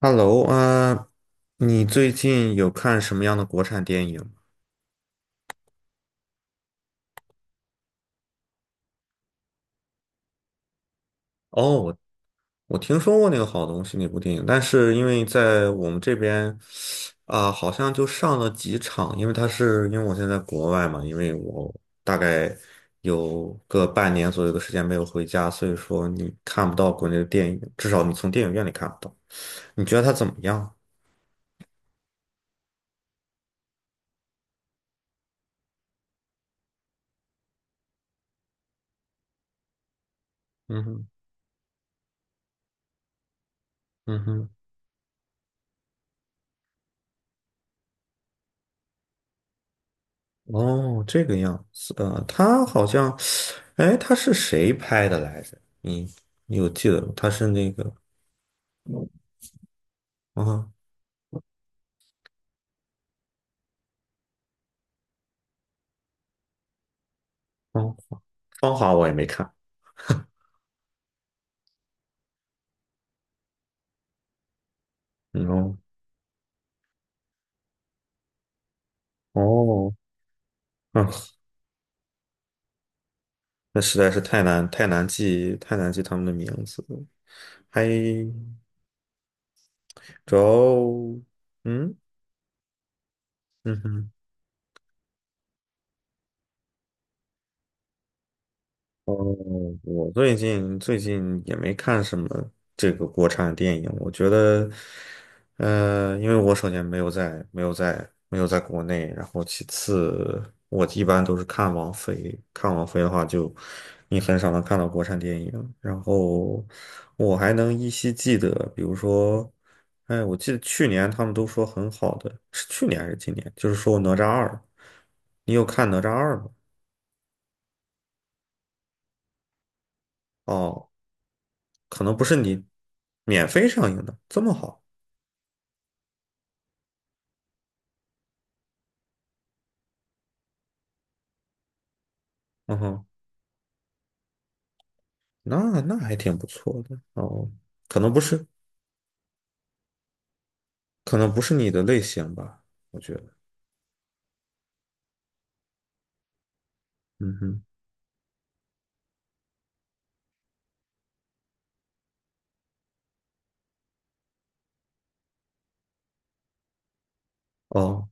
Hello 啊，你最近有看什么样的国产电影吗？哦，我听说过那个好东西那部电影，但是因为在我们这边啊，好像就上了几场，因为我现在在国外嘛，因为我大概有个半年左右的时间没有回家，所以说你看不到国内的电影，至少你从电影院里看不到。你觉得它怎么样？嗯哼，嗯哼。哦，这个样子，他好像，哎，他是谁拍的来着？你有记得吗？他是那个，啊，哦，芳华我也没看，嗯哦，哦，嗯，那实在是太难记他们的名字了，还主要，嗯嗯哼。哦，我最近也没看什么这个国产电影，我觉得，因为我首先没有在国内，然后其次我一般都是看王菲，看王菲的话就你很少能看到国产电影，然后我还能依稀记得，比如说，哎，我记得去年他们都说很好的，是去年还是今年？就是说哪吒二，你有看哪吒二吗？哦。可能不是你免费上映的这么好，嗯哼，那还挺不错的哦，可能不是，可能不是你的类型吧，我觉得，嗯哼，哦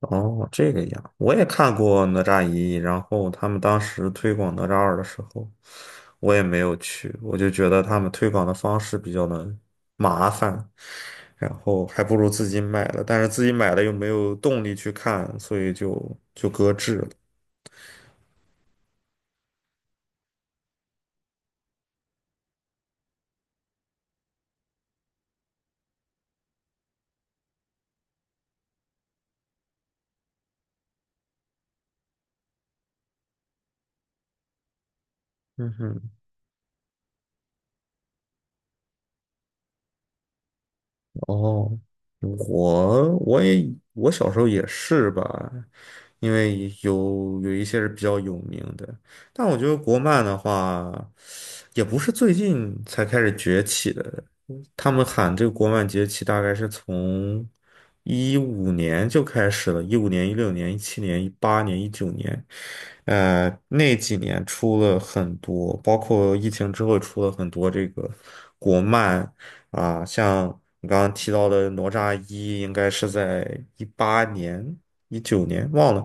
哦，这个样，我也看过哪吒一，然后他们当时推广哪吒二的时候，我也没有去，我就觉得他们推广的方式比较的麻烦，然后还不如自己买了，但是自己买了又没有动力去看，所以就搁置了，嗯哼。哦，我我也我小时候也是吧，因为有一些是比较有名的，但我觉得国漫的话，也不是最近才开始崛起的，他们喊这个国漫崛起大概是从一五年就开始了，一五年、一六年、一七年、一八年、一九年，那几年出了很多，包括疫情之后出了很多这个国漫。啊，像你刚刚提到的哪吒一，应该是在一八年、一九年，忘了，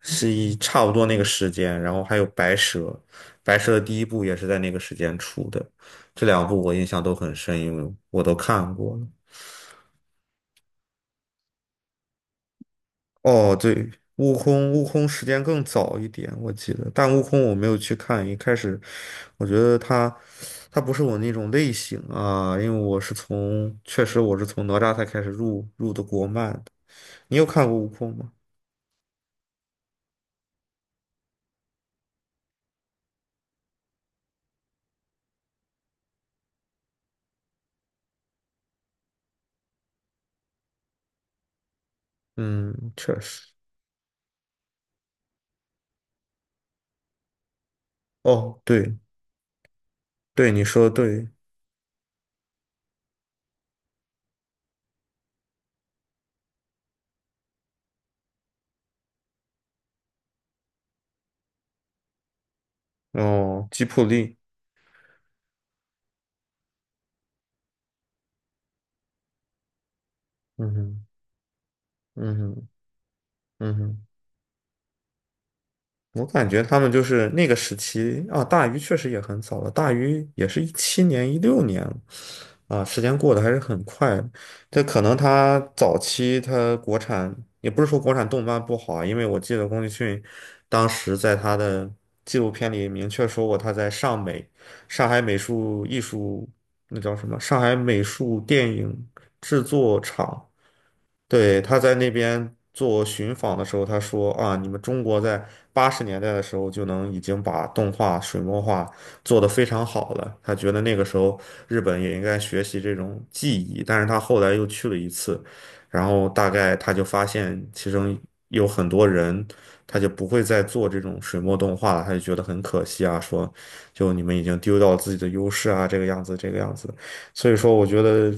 是差不多那个时间。然后还有白蛇，白蛇的第一部也是在那个时间出的。这两部我印象都很深，因为我都看过了。哦，对，悟空，悟空时间更早一点，我记得，但悟空我没有去看。一开始，我觉得他不是我那种类型啊，因为我是从，确实我是从哪吒才开始入的国漫，你有看过《悟空》吗？嗯，确实。哦，对对，你说的对。哦，吉卜力。嗯哼，嗯哼，嗯哼。我感觉他们就是那个时期啊，大鱼确实也很早了，大鱼也是一七年、一六年了啊，时间过得还是很快的。这可能他早期他国产也不是说国产动漫不好啊，因为我记得宫崎骏当时在他的纪录片里明确说过，他在上美、上海美术艺术那叫什么？上海美术电影制作厂对，他在那边做寻访的时候，他说啊，你们中国在80年代的时候就能已经把动画水墨画做得非常好了。他觉得那个时候日本也应该学习这种技艺，但是他后来又去了一次，然后大概他就发现其中有很多人他就不会再做这种水墨动画了，他就觉得很可惜啊，说就你们已经丢掉了自己的优势啊，这个样子，这个样子。所以说，我觉得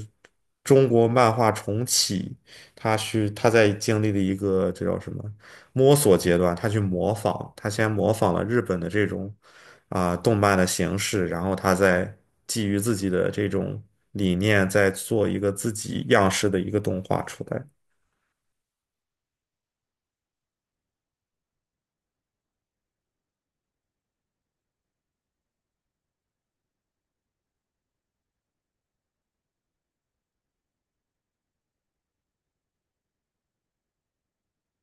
中国漫画重启。他在经历了一个这叫什么摸索阶段，他去模仿，他先模仿了日本的这种啊、动漫的形式，然后他再基于自己的这种理念，再做一个自己样式的一个动画出来。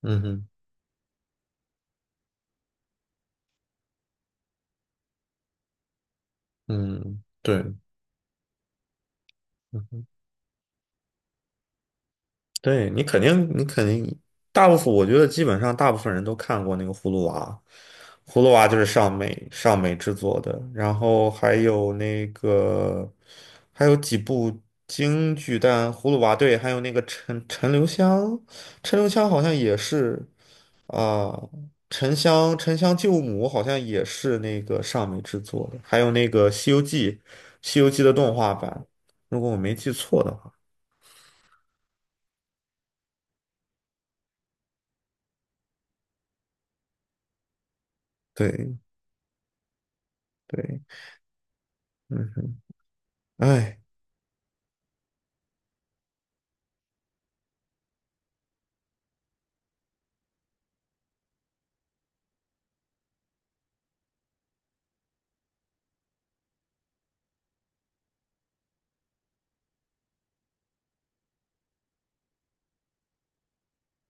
嗯哼，嗯，对。嗯对你肯定,大部分我觉得基本上大部分人都看过那个《葫芦娃》，《葫芦娃》就是上美制作的，然后还有那个还有几部京剧，但《葫芦娃》对，还有那个陈留香，陈留香好像也是啊，沉香救母好像也是那个上美制作的，还有那个《西游记》，《西游记》的动画版，如果我没记错的话，对对，嗯。哼。哎，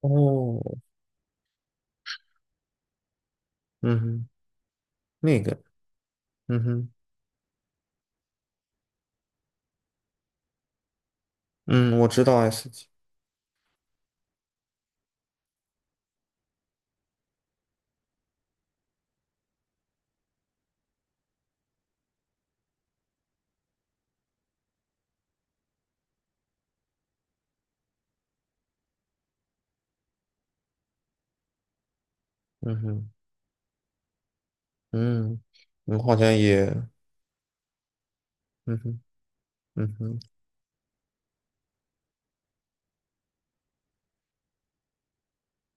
哦，嗯哼，那个，嗯哼，嗯，我知道 S 级，嗯哼，嗯，我好像也，嗯哼，嗯哼，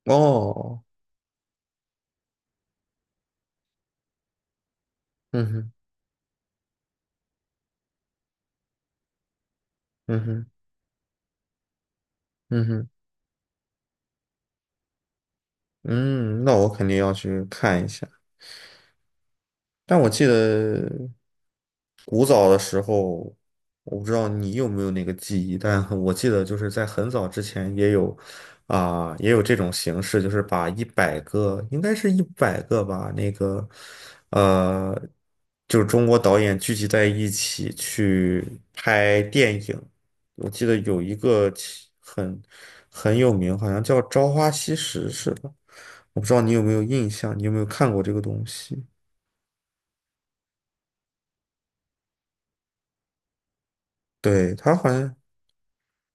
哦，嗯哼，嗯哼，嗯哼，嗯，那我肯定要去看一下。但我记得古早的时候，我不知道你有没有那个记忆，但我记得就是在很早之前也有啊、也有这种形式，就是把一百个，应该是一百个吧，那个呃，就是中国导演聚集在一起去拍电影。我记得有一个很有名，好像叫《朝花夕拾》似的，我不知道你有没有印象，你有没有看过这个东西？对，他好像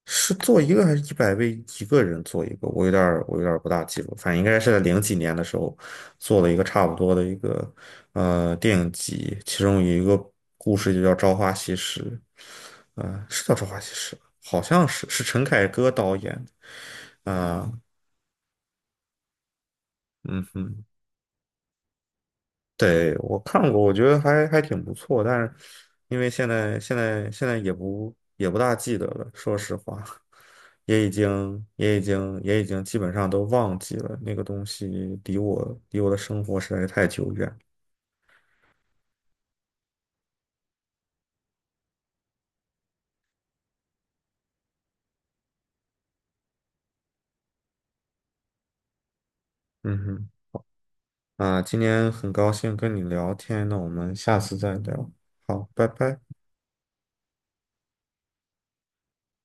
是做一个还是100位一个人做一个，我有点儿不大记住，反正应该是在零几年的时候做了一个差不多的一个电影集，其中有一个故事就叫《朝花夕拾》，嗯，是叫《朝花夕拾》吧，好像是陈凯歌导演的，啊、嗯哼，对，我看过，我觉得还挺不错，但是因为现在也不大记得了，说实话，也已经基本上都忘记了那个东西，离我的生活实在是太久远。嗯哼，啊，今天很高兴跟你聊天，那我们下次再聊，好，拜拜。